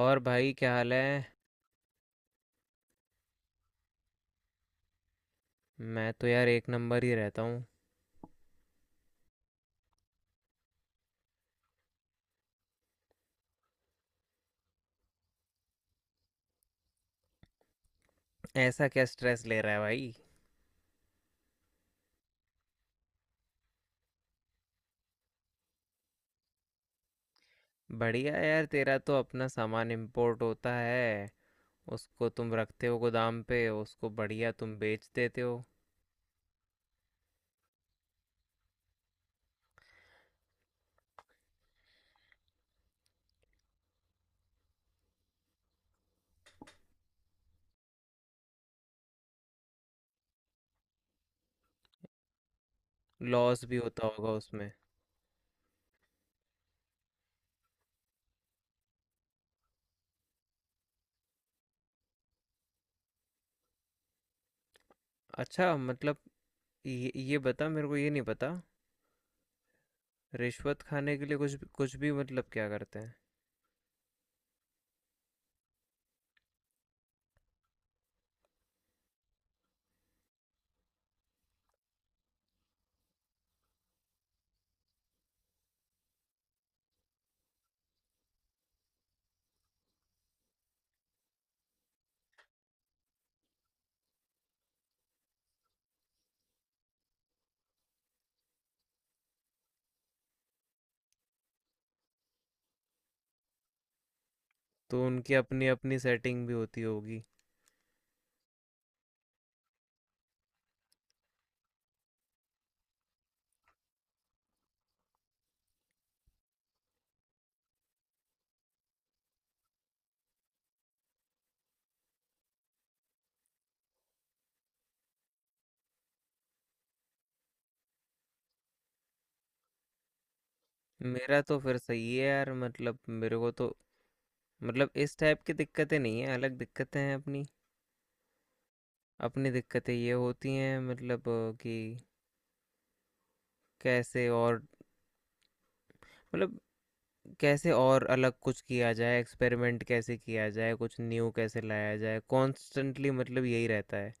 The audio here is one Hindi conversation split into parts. और भाई, क्या हाल है? मैं तो यार एक नंबर ही रहता हूँ। ऐसा क्या स्ट्रेस ले रहा है भाई? बढ़िया यार, तेरा तो अपना सामान इंपोर्ट होता है। उसको तुम रखते हो गोदाम पे, उसको बढ़िया तुम बेच देते हो। लॉस भी होता होगा उसमें। अच्छा, मतलब ये बता मेरे को, ये नहीं पता। रिश्वत खाने के लिए कुछ कुछ भी मतलब क्या करते हैं? तो उनकी अपनी अपनी सेटिंग भी होती होगी। मेरा तो फिर सही है यार, मतलब मेरे को तो मतलब इस टाइप की दिक्कतें नहीं हैं, अलग दिक्कतें हैं अपनी। अपनी दिक्कतें ये होती हैं मतलब कि कैसे और मतलब कैसे और अलग कुछ किया जाए, एक्सपेरिमेंट कैसे किया जाए, कुछ न्यू कैसे लाया जाए, कॉन्स्टेंटली मतलब यही रहता है।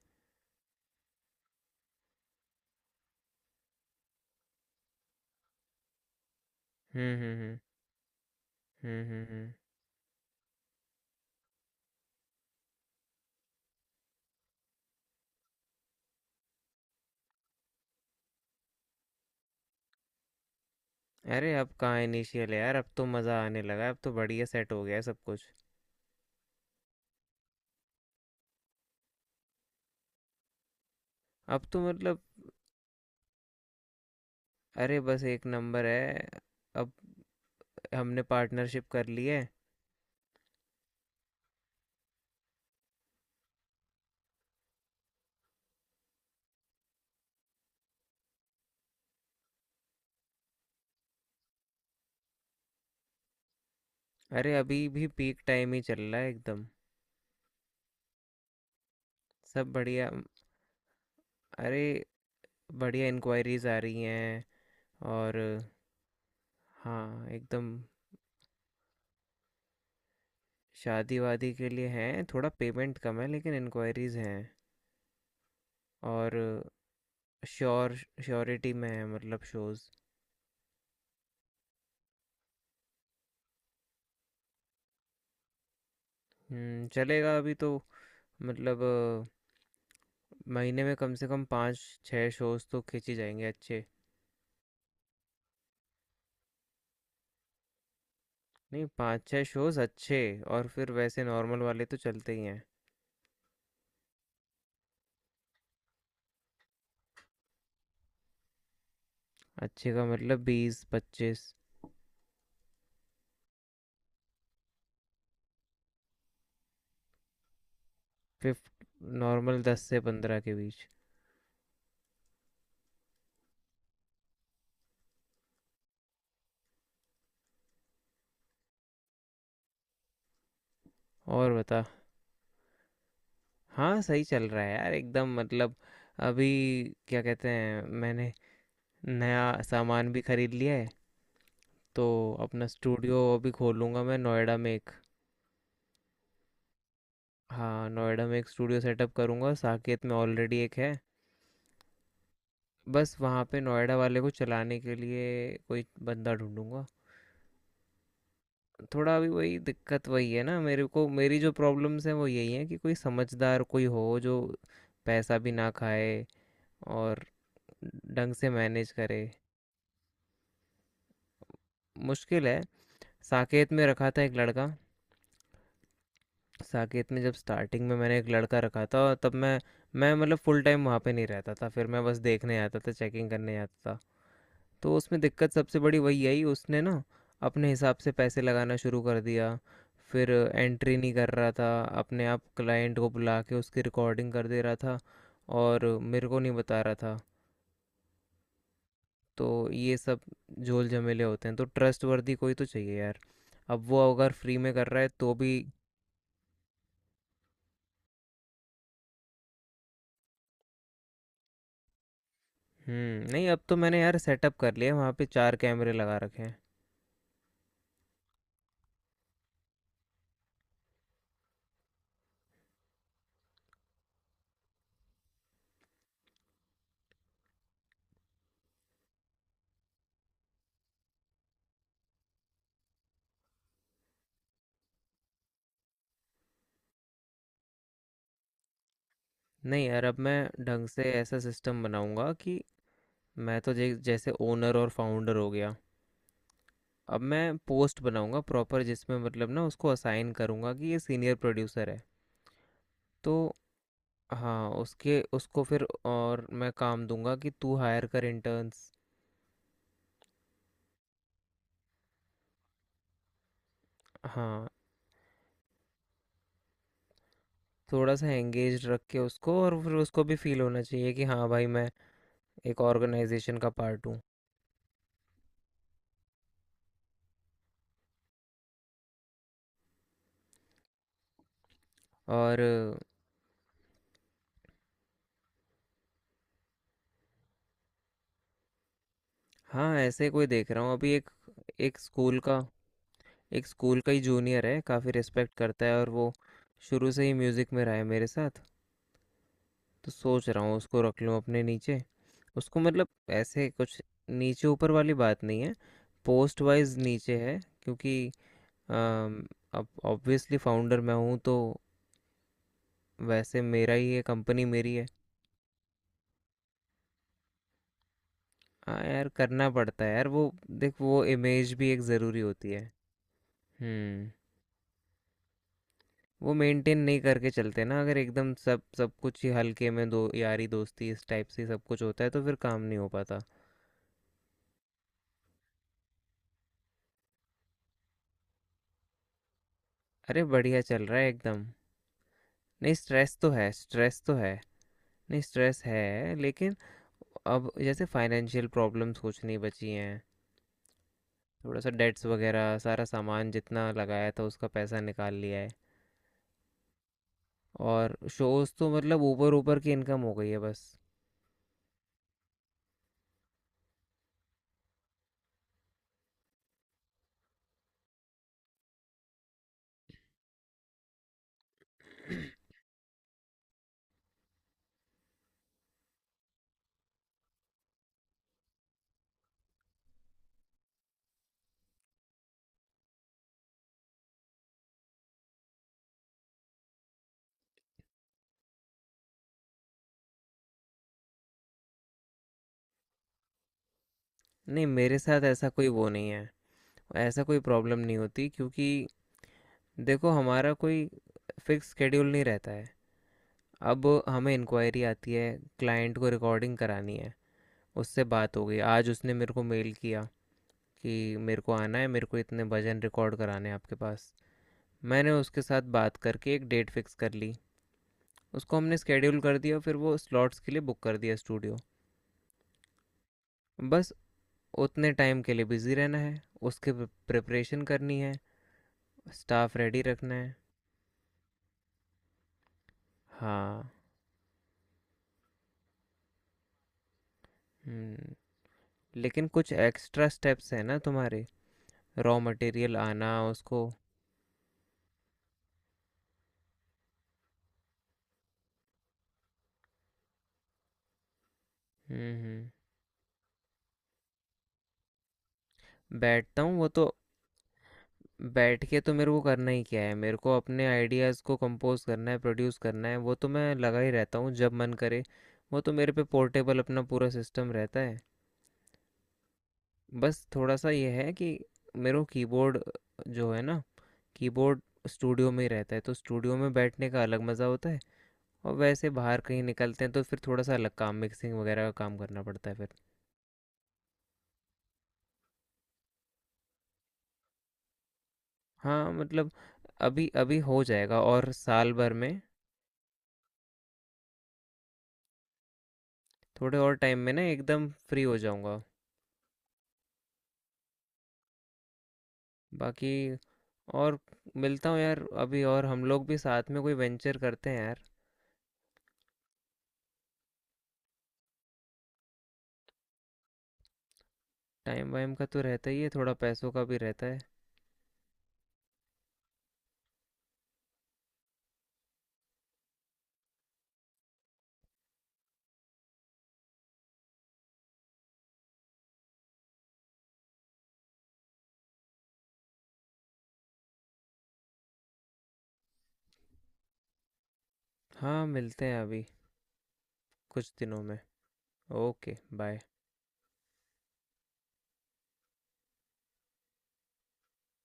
हुँ, हुँ, हुँ। हुँ, हुँ, हुँ। अरे अब कहाँ इनिशियल है यार, अब तो मज़ा आने लगा है, अब तो बढ़िया सेट हो गया है सब कुछ। अब तो मतलब अरे बस एक नंबर है, अब हमने पार्टनरशिप कर ली है। अरे अभी भी पीक टाइम ही चल रहा है एकदम। सब बढ़िया अरे बढ़िया इंक्वायरीज आ रही हैं। और हाँ एकदम। शादी वादी के लिए हैं, थोड़ा पेमेंट कम है लेकिन इंक्वायरीज हैं। और श्योर श्योरिटी में है मतलब शोज़। हम्म, चलेगा अभी तो मतलब महीने में कम से कम पाँच छः शोज़ तो खींची जाएंगे अच्छे। नहीं पाँच छः शोज़ अच्छे। और फिर वैसे नॉर्मल वाले तो चलते ही हैं। अच्छे का मतलब 20, 25। फिफ्ट नॉर्मल 10 से 15 के बीच। और बता। हाँ, सही चल रहा है यार एकदम मतलब अभी क्या कहते हैं, मैंने नया सामान भी खरीद लिया है। तो अपना स्टूडियो अभी खोलूँगा मैं नोएडा में एक। हाँ नोएडा में एक स्टूडियो सेटअप करूँगा, साकेत में ऑलरेडी एक है। बस वहाँ पे नोएडा वाले को चलाने के लिए कोई बंदा ढूंढूंगा। थोड़ा अभी वही दिक्कत वही है ना, मेरे को मेरी जो प्रॉब्लम्स हैं वो यही है कि कोई समझदार कोई हो जो पैसा भी ना खाए और ढंग से मैनेज करे। मुश्किल है। साकेत में रखा था एक लड़का। साकेत में जब स्टार्टिंग में मैंने एक लड़का रखा था और तब मैं मतलब फुल टाइम वहाँ पे नहीं रहता था, फिर मैं बस देखने आता था, चेकिंग करने आता था। तो उसमें दिक्कत सबसे बड़ी वही आई, उसने ना अपने हिसाब से पैसे लगाना शुरू कर दिया। फिर एंट्री नहीं कर रहा था। अपने आप क्लाइंट को बुला के उसकी रिकॉर्डिंग कर दे रहा था और मेरे को नहीं बता रहा था। तो ये सब झोल झमेले होते हैं, तो ट्रस्ट वर्दी कोई तो चाहिए यार। अब वो अगर फ्री में कर रहा है तो भी। हुँ, नहीं अब तो मैंने यार सेटअप कर लिया है, वहाँ पे 4 कैमरे लगा रखे हैं। नहीं यार अब मैं ढंग से ऐसा सिस्टम बनाऊँगा कि मैं तो जे जैसे ओनर और फाउंडर हो गया। अब मैं पोस्ट बनाऊँगा प्रॉपर, जिसमें मतलब ना उसको असाइन करूँगा कि ये सीनियर प्रोड्यूसर है। तो हाँ, उसके उसको फिर और मैं काम दूँगा कि तू हायर कर इंटर्न्स। हाँ, थोड़ा-सा एंगेज्ड रख के उसको और फिर उसको भी फ़ील होना चाहिए कि हाँ भाई मैं एक ऑर्गेनाइज़ेशन का पार्ट हूँ। और हाँ ऐसे कोई देख रहा हूँ अभी एक। एक स्कूल का एक स्कूल का ही जूनियर है, काफ़ी रिस्पेक्ट करता है और वो शुरू से ही म्यूज़िक में रहा है मेरे साथ। तो सोच रहा हूँ उसको रख लूँ अपने नीचे। उसको मतलब ऐसे कुछ, नीचे ऊपर वाली बात नहीं है, पोस्ट वाइज नीचे है क्योंकि अम, अब ऑब्वियसली फाउंडर मैं हूँ। तो वैसे मेरा ही है, कंपनी मेरी है। हाँ यार करना पड़ता है यार, वो इमेज भी एक ज़रूरी होती है। हम्म। वो मेंटेन नहीं करके चलते ना, अगर एकदम सब सब कुछ ही हल्के में दो, यारी दोस्ती इस टाइप से सब कुछ होता है तो फिर काम नहीं हो पाता। अरे बढ़िया चल रहा है एकदम। नहीं स्ट्रेस तो है, स्ट्रेस तो है। नहीं स्ट्रेस है लेकिन अब जैसे फाइनेंशियल प्रॉब्लम्स कुछ नहीं बची हैं। थोड़ा सा डेट्स वगैरह सारा सामान जितना लगाया था, उसका पैसा निकाल लिया है। और शोज़ तो मतलब ऊपर ऊपर की इनकम हो गई है बस। नहीं मेरे साथ ऐसा कोई वो नहीं है, ऐसा कोई प्रॉब्लम नहीं होती, क्योंकि देखो हमारा कोई फिक्स शेड्यूल नहीं रहता है। अब हमें इंक्वायरी आती है, क्लाइंट को रिकॉर्डिंग करानी है, उससे बात हो गई। आज उसने मेरे को मेल किया कि मेरे को आना है, मेरे को इतने भजन रिकॉर्ड कराने हैं आपके पास। मैंने उसके साथ बात करके एक डेट फिक्स कर ली, उसको हमने स्केड्यूल कर दिया, फिर वो स्लॉट्स के लिए बुक कर दिया स्टूडियो। बस उतने टाइम के लिए बिजी रहना है, उसके प्रिपरेशन करनी है, स्टाफ रेडी रखना है। हाँ। हम्म, लेकिन कुछ एक्स्ट्रा स्टेप्स हैं ना तुम्हारे, रॉ मटेरियल आना, उसको। हम्म। बैठता हूँ वो तो। बैठ के तो मेरे को करना ही क्या है, मेरे को अपने आइडियाज़ को कंपोज करना है, प्रोड्यूस करना है, वो तो मैं लगा ही रहता हूँ जब मन करे। वो तो मेरे पे पोर्टेबल अपना पूरा सिस्टम रहता है। बस थोड़ा सा ये है कि मेरे को कीबोर्ड जो है ना, कीबोर्ड स्टूडियो में ही रहता है, तो स्टूडियो में बैठने का अलग मज़ा होता है। और वैसे बाहर कहीं निकलते हैं तो फिर थोड़ा सा अलग काम, मिक्सिंग वगैरह का काम करना पड़ता है फिर। हाँ, मतलब अभी अभी हो जाएगा और साल भर में, थोड़े और टाइम में ना एकदम फ्री हो जाऊंगा। बाकी और मिलता हूँ यार अभी, और हम लोग भी साथ में कोई वेंचर करते हैं यार। टाइम वाइम का तो रहता ही है, थोड़ा पैसों का भी रहता है। हाँ मिलते हैं अभी, कुछ दिनों में। Okay, bye.